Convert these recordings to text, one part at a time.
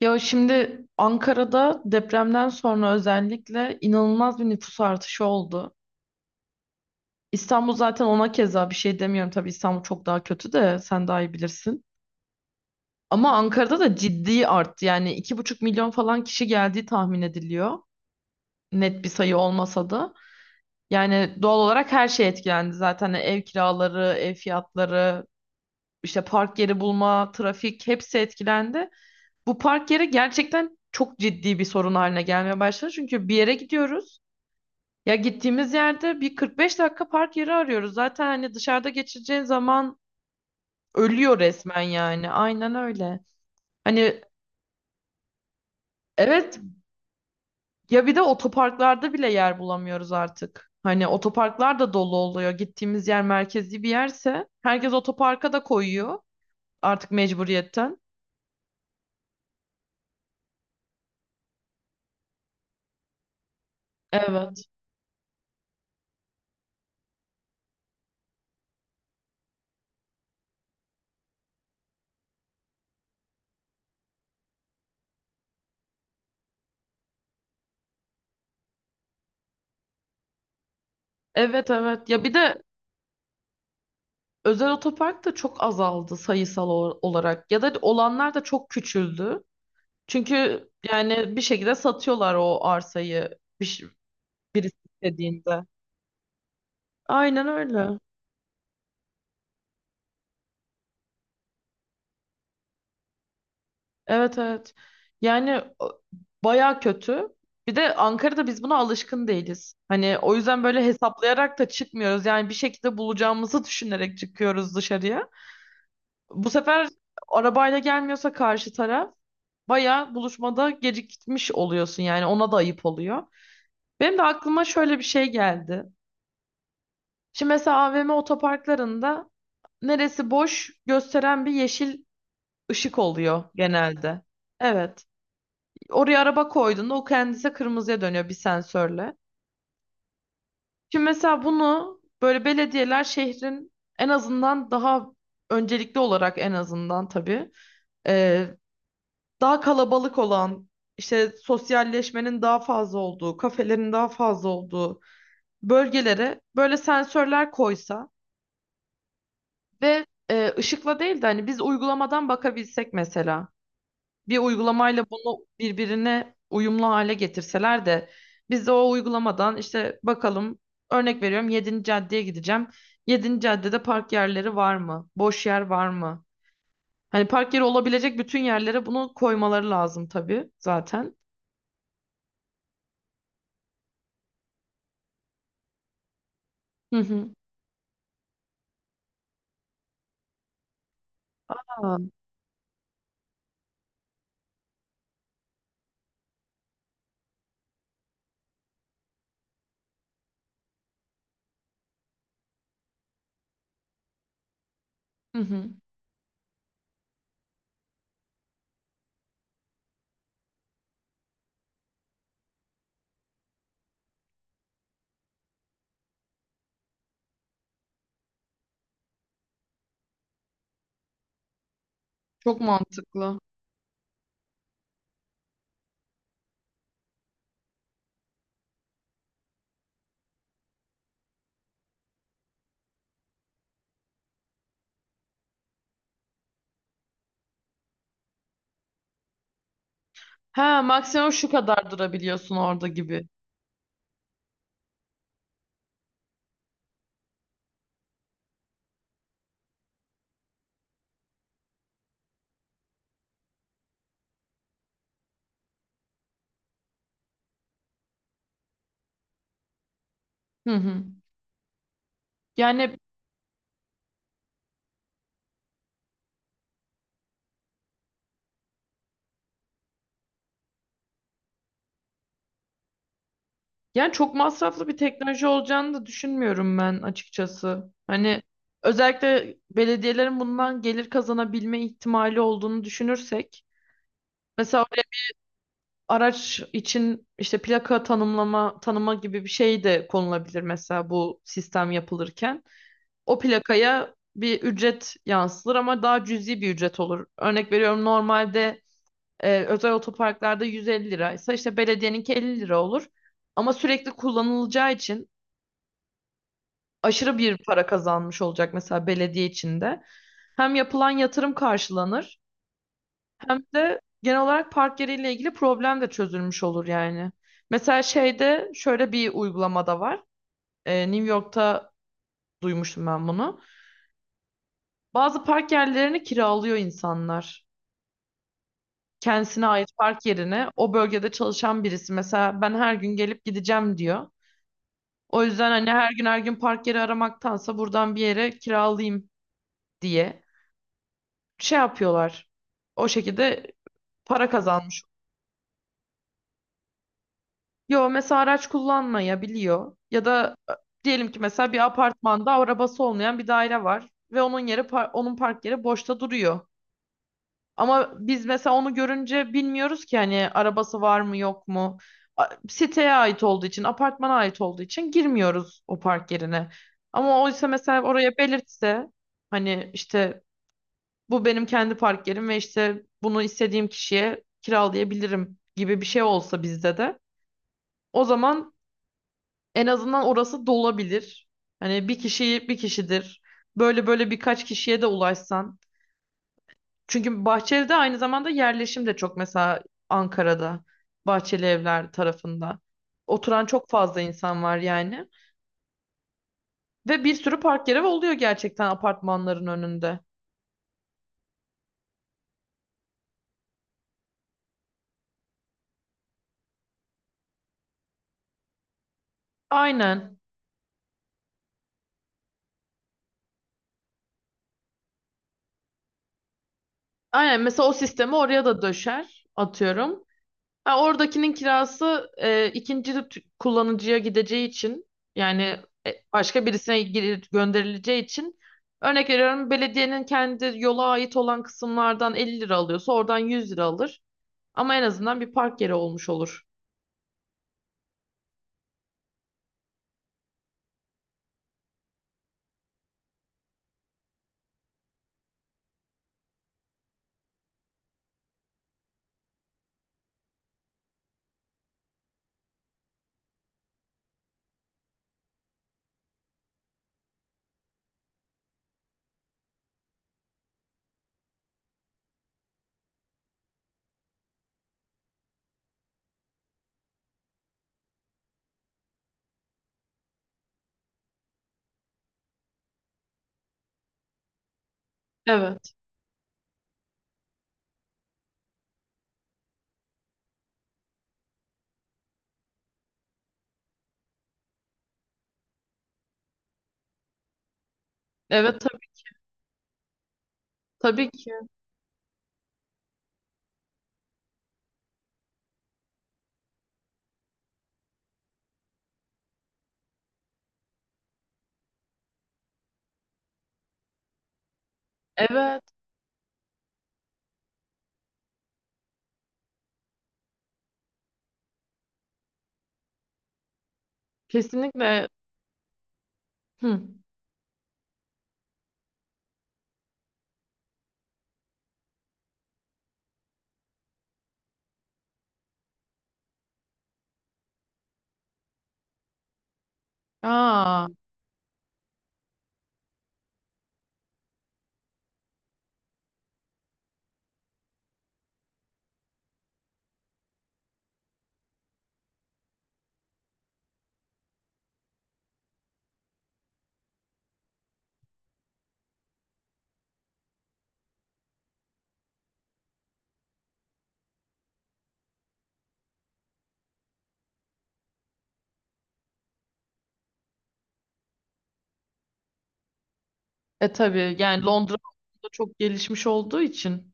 Ya şimdi Ankara'da depremden sonra özellikle inanılmaz bir nüfus artışı oldu. İstanbul zaten ona keza bir şey demiyorum. Tabii İstanbul çok daha kötü de sen daha iyi bilirsin. Ama Ankara'da da ciddi arttı. Yani 2,5 milyon falan kişi geldiği tahmin ediliyor. Net bir sayı olmasa da. Yani doğal olarak her şey etkilendi zaten. Hani ev kiraları, ev fiyatları, işte park yeri bulma, trafik hepsi etkilendi. Bu park yeri gerçekten çok ciddi bir sorun haline gelmeye başladı. Çünkü bir yere gidiyoruz. Ya gittiğimiz yerde bir 45 dakika park yeri arıyoruz. Zaten hani dışarıda geçireceğin zaman ölüyor resmen yani. Aynen öyle. Hani, evet. Ya bir de otoparklarda bile yer bulamıyoruz artık. Hani otoparklar da dolu oluyor. Gittiğimiz yer merkezi bir yerse herkes otoparka da koyuyor artık mecburiyetten. Evet. Evet, evet. Ya bir de özel otopark da çok azaldı sayısal olarak. Ya da olanlar da çok küçüldü. Çünkü yani bir şekilde satıyorlar o arsayı birisi istediğinde. Aynen öyle. Evet, evet. Yani bayağı kötü. Bir de Ankara'da biz buna alışkın değiliz. Hani o yüzden böyle hesaplayarak da çıkmıyoruz. Yani bir şekilde bulacağımızı düşünerek çıkıyoruz dışarıya. Bu sefer arabayla gelmiyorsa karşı taraf bayağı buluşmada gecikmiş oluyorsun, yani ona da ayıp oluyor. Benim de aklıma şöyle bir şey geldi. Şimdi mesela AVM otoparklarında neresi boş gösteren bir yeşil ışık oluyor genelde. Evet. Oraya araba koyduğunda o kendisi kırmızıya dönüyor bir sensörle. Şimdi mesela bunu böyle belediyeler şehrin en azından daha öncelikli olarak, en azından tabii, e, daha kalabalık olan, işte sosyalleşmenin daha fazla olduğu, kafelerin daha fazla olduğu bölgelere böyle sensörler koysa ve ışıkla değil de hani biz uygulamadan bakabilsek mesela. Bir uygulamayla bunu birbirine uyumlu hale getirseler de biz de o uygulamadan işte bakalım, örnek veriyorum, Yedinci caddeye gideceğim. Yedinci caddede park yerleri var mı? Boş yer var mı? Hani park yeri olabilecek bütün yerlere bunu koymaları lazım tabii zaten. Hı hı. Ha. Hı hı. Çok mantıklı. Ha, maksimum şu kadar durabiliyorsun orada gibi. Hı hı. Yani Yani çok masraflı bir teknoloji olacağını da düşünmüyorum ben açıkçası. Hani özellikle belediyelerin bundan gelir kazanabilme ihtimali olduğunu düşünürsek, mesela oraya araç için işte plaka tanımlama tanıma gibi bir şey de konulabilir mesela, bu sistem yapılırken. O plakaya bir ücret yansıtılır ama daha cüzi bir ücret olur. Örnek veriyorum, normalde özel otoparklarda 150 liraysa işte belediyeninki 50 lira olur. Ama sürekli kullanılacağı için aşırı bir para kazanmış olacak mesela belediye içinde. Hem yapılan yatırım karşılanır hem de genel olarak park yeriyle ilgili problem de çözülmüş olur yani. Mesela şeyde, şöyle bir uygulamada var. New York'ta duymuştum ben bunu. Bazı park yerlerini kiralıyor insanlar. Kendisine ait park yerine o bölgede çalışan birisi mesela ben her gün gelip gideceğim diyor. O yüzden hani her gün her gün park yeri aramaktansa buradan bir yere kiralayayım diye şey yapıyorlar. O şekilde para kazanmış. Yo, mesela araç kullanmayabiliyor ya da diyelim ki mesela bir apartmanda arabası olmayan bir daire var ve onun park yeri boşta duruyor. Ama biz mesela onu görünce bilmiyoruz ki hani arabası var mı yok mu. Siteye ait olduğu için, apartmana ait olduğu için girmiyoruz o park yerine. Ama oysa mesela oraya belirtse, hani işte bu benim kendi park yerim ve işte bunu istediğim kişiye kiralayabilirim gibi bir şey olsa bizde de, o zaman en azından orası dolabilir. Hani bir kişi bir kişidir. Böyle böyle birkaç kişiye de ulaşsan. Çünkü Bahçeli'de aynı zamanda yerleşim de çok mesela, Ankara'da Bahçeli Evler tarafında. Oturan çok fazla insan var yani. Ve bir sürü park yeri oluyor gerçekten apartmanların önünde. Aynen. Aynen, mesela o sistemi oraya da döşer atıyorum. Ha, oradakinin kirası ikinci kullanıcıya gideceği için, yani başka birisine gönderileceği için, örnek veriyorum, belediyenin kendi yola ait olan kısımlardan 50 lira alıyorsa oradan 100 lira alır. Ama en azından bir park yeri olmuş olur. Evet. Evet, tabii, tabii ki. Evet. Kesinlikle. Hı. Aa, tabii, yani Londra da çok gelişmiş olduğu için.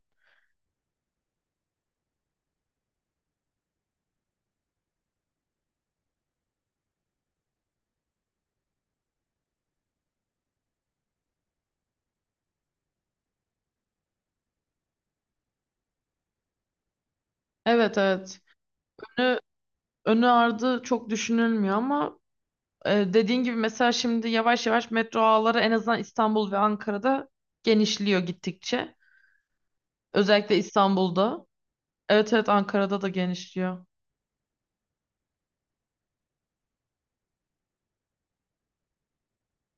Evet, evet. Önü, önü ardı çok düşünülmüyor ama dediğin gibi mesela şimdi yavaş yavaş metro ağları en azından İstanbul ve Ankara'da genişliyor gittikçe. Özellikle İstanbul'da. Evet, evet, Ankara'da da genişliyor.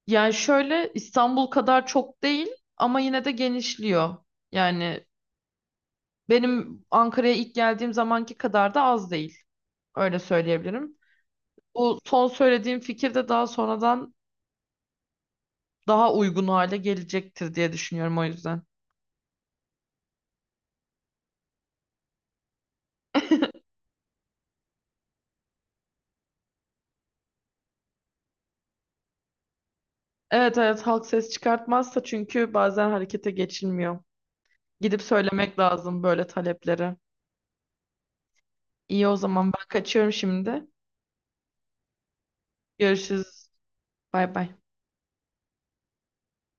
Yani şöyle, İstanbul kadar çok değil ama yine de genişliyor. Yani benim Ankara'ya ilk geldiğim zamanki kadar da az değil. Öyle söyleyebilirim. Bu son söylediğim fikir de daha sonradan daha uygun hale gelecektir diye düşünüyorum o yüzden. Evet, evet, halk ses çıkartmazsa çünkü bazen harekete geçilmiyor. Gidip söylemek lazım böyle talepleri. İyi, o zaman ben kaçıyorum şimdi. Görüşürüz. Bay bay.